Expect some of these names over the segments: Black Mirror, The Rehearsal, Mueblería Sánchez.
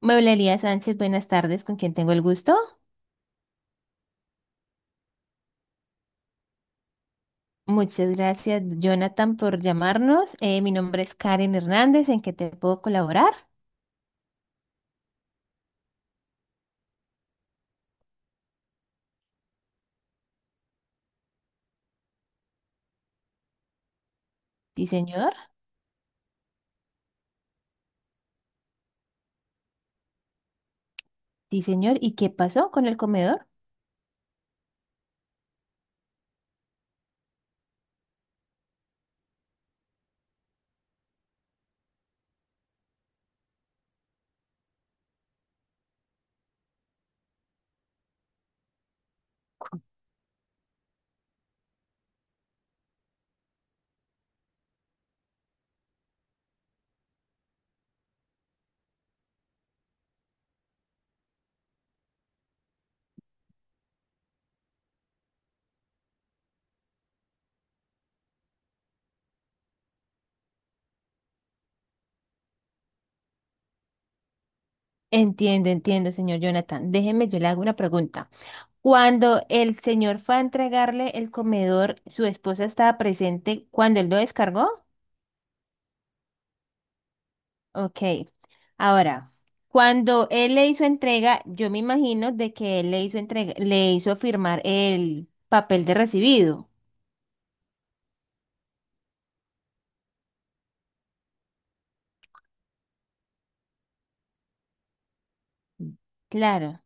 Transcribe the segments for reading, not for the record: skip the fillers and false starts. Mueblería Sánchez, buenas tardes, ¿con quién tengo el gusto? Muchas gracias, Jonathan, por llamarnos. Mi nombre es Karen Hernández, ¿en qué te puedo colaborar? Sí, señor. Sí, señor. ¿Y qué pasó con el comedor? Entiendo, entiendo, señor Jonathan. Déjeme, yo le hago una pregunta. Cuando el señor fue a entregarle el comedor, ¿su esposa estaba presente cuando él lo descargó? Ok, ahora, cuando él le hizo entrega, yo me imagino de que él le hizo entrega, le hizo firmar el papel de recibido. Claro,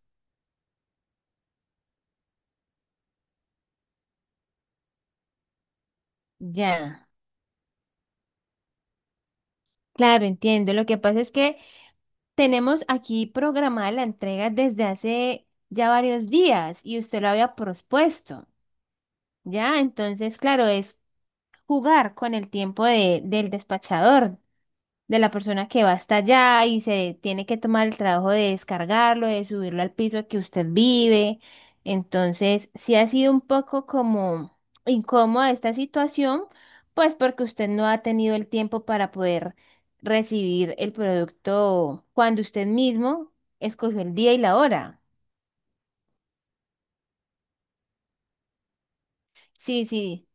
ya. Claro, entiendo. Lo que pasa es que tenemos aquí programada la entrega desde hace ya varios días y usted lo había propuesto, ¿ya? Entonces, claro, es jugar con el tiempo del despachador, de la persona que va hasta allá y se tiene que tomar el trabajo de descargarlo, de subirlo al piso que usted vive. Entonces, sí ha sido un poco como incómoda esta situación, pues porque usted no ha tenido el tiempo para poder recibir el producto cuando usted mismo escogió el día y la hora. Sí, sí.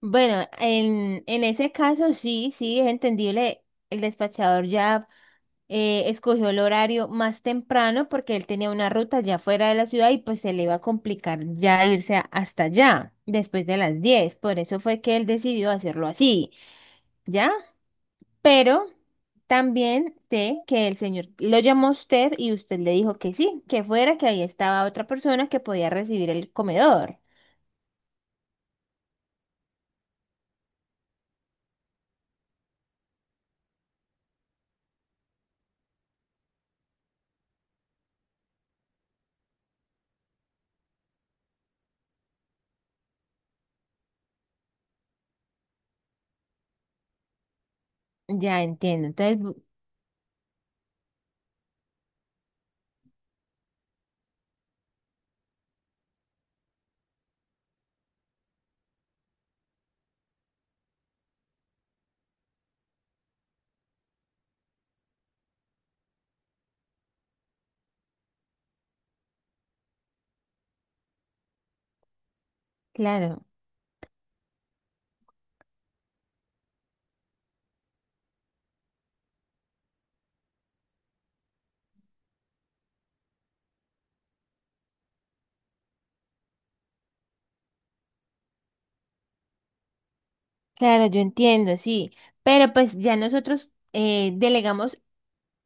Bueno, en ese caso sí, sí, es entendible. El despachador ya escogió el horario más temprano porque él tenía una ruta ya fuera de la ciudad y pues se le iba a complicar ya irse hasta allá después de las 10. Por eso fue que él decidió hacerlo así, ¿ya? Pero también sé que el señor lo llamó a usted y usted le dijo que sí, que fuera, que ahí estaba otra persona que podía recibir el comedor. Ya entiendo. Entonces, claro, claro, yo entiendo, sí. Pero pues ya nosotros delegamos.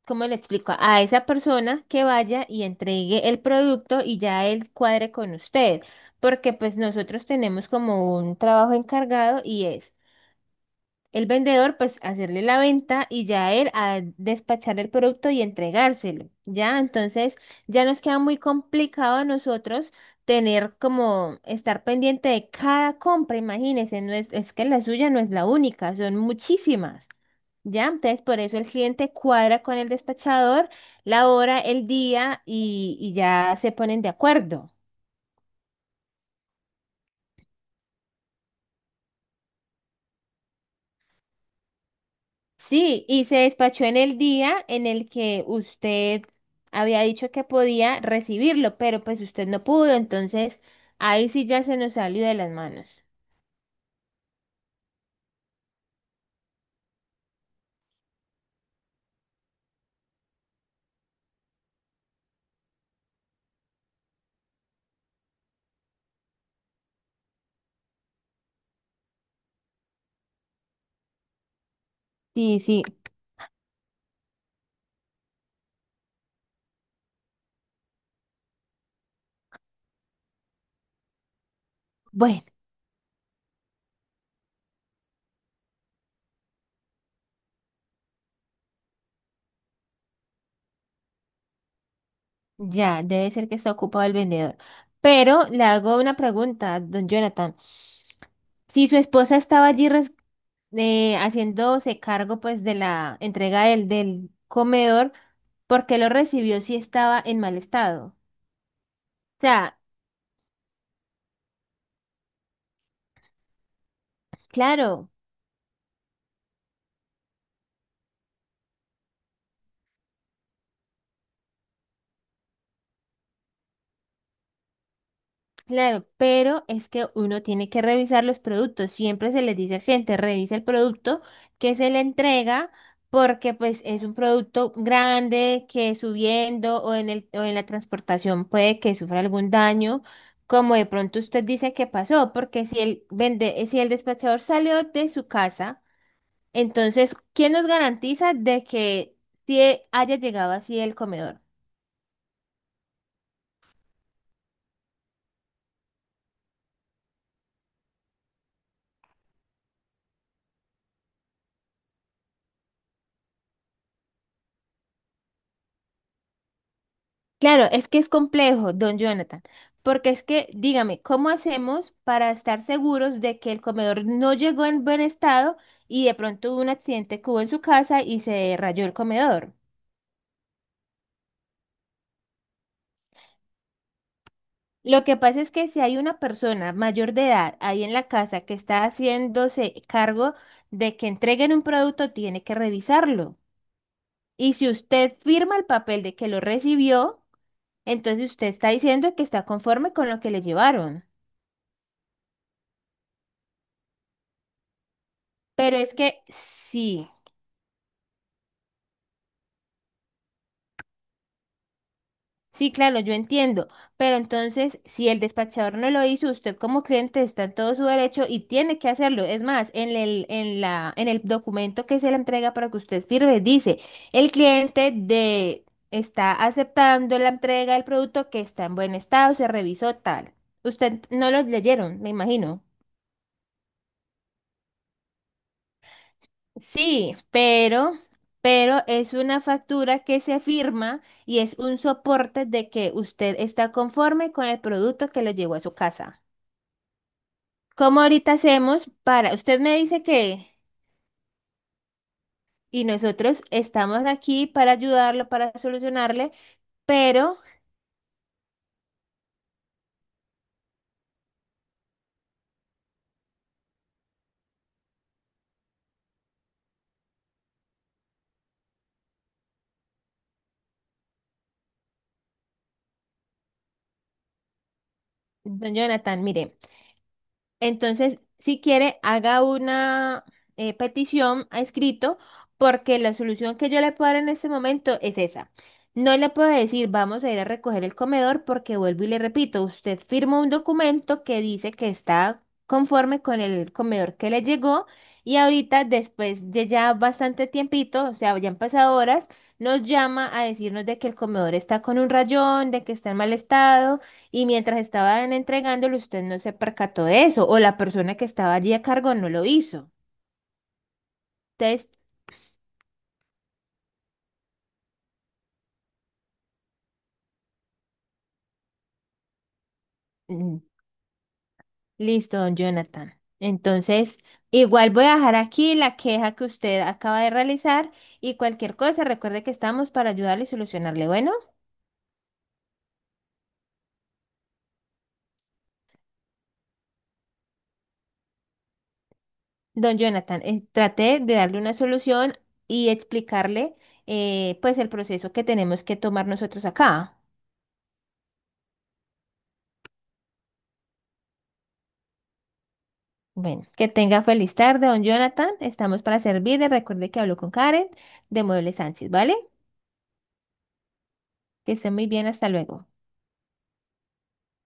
¿Cómo le explico? A esa persona que vaya y entregue el producto y ya él cuadre con usted, porque pues nosotros tenemos como un trabajo encargado y es el vendedor pues hacerle la venta y ya él a despachar el producto y entregárselo, ¿ya? Entonces ya nos queda muy complicado a nosotros tener como estar pendiente de cada compra, imagínense, no es, es que la suya no es la única, son muchísimas. Ya, entonces por eso el cliente cuadra con el despachador la hora, el día y ya se ponen de acuerdo. Sí, y se despachó en el día en el que usted había dicho que podía recibirlo, pero pues usted no pudo, entonces ahí sí ya se nos salió de las manos. Sí, sí, bueno, ya, debe ser que está ocupado el vendedor. Pero le hago una pregunta, don Jonathan. Si su esposa estaba allí haciéndose cargo pues de la entrega del comedor porque lo recibió si estaba en mal estado. O sea, claro, claro, pero es que uno tiene que revisar los productos. Siempre se les dice a la gente, revisa el producto que se le entrega porque pues es un producto grande que subiendo o en el, o en la transportación puede que sufra algún daño. Como de pronto usted dice que pasó, porque si el vende, si el despachador salió de su casa. Entonces, ¿quién nos garantiza de que sí haya llegado así el comedor? Claro, es que es complejo, don Jonathan, porque es que, dígame, ¿cómo hacemos para estar seguros de que el comedor no llegó en buen estado y de pronto hubo un accidente que hubo en su casa y se rayó el comedor? Lo que pasa es que si hay una persona mayor de edad ahí en la casa que está haciéndose cargo de que entreguen un producto, tiene que revisarlo. Y si usted firma el papel de que lo recibió, entonces usted está diciendo que está conforme con lo que le llevaron. Pero es que sí, sí, claro, yo entiendo. Pero entonces, si el despachador no lo hizo, usted como cliente está en todo su derecho y tiene que hacerlo. Es más, en el, en la, en el documento que se le entrega para que usted firme, dice, el cliente de está aceptando la entrega del producto que está en buen estado, se revisó tal. Usted no lo leyeron, me imagino. Sí, pero es una factura que se firma y es un soporte de que usted está conforme con el producto que lo llevó a su casa. ¿Cómo ahorita hacemos para, usted me dice que, y nosotros estamos aquí para ayudarlo, para solucionarle, pero, don Jonathan, mire. Entonces, si quiere, haga una petición a escrito porque la solución que yo le puedo dar en este momento es esa. No le puedo decir, vamos a ir a recoger el comedor porque vuelvo y le repito, usted firma un documento que dice que está conforme con el comedor que le llegó y ahorita, después de ya bastante tiempito, o sea, ya han pasado horas, nos llama a decirnos de que el comedor está con un rayón, de que está en mal estado. Y mientras estaban entregándolo, usted no se percató de eso, o la persona que estaba allí a cargo no lo hizo. Entonces, mm, listo, don Jonathan. Entonces, igual voy a dejar aquí la queja que usted acaba de realizar y cualquier cosa, recuerde que estamos para ayudarle y solucionarle. Bueno, don Jonathan, traté de darle una solución y explicarle pues el proceso que tenemos que tomar nosotros acá. Bueno, que tenga feliz tarde, don Jonathan. Estamos para servirle. Recuerde que hablo con Karen de Mueble Sánchez, ¿vale? Que esté muy bien, hasta luego.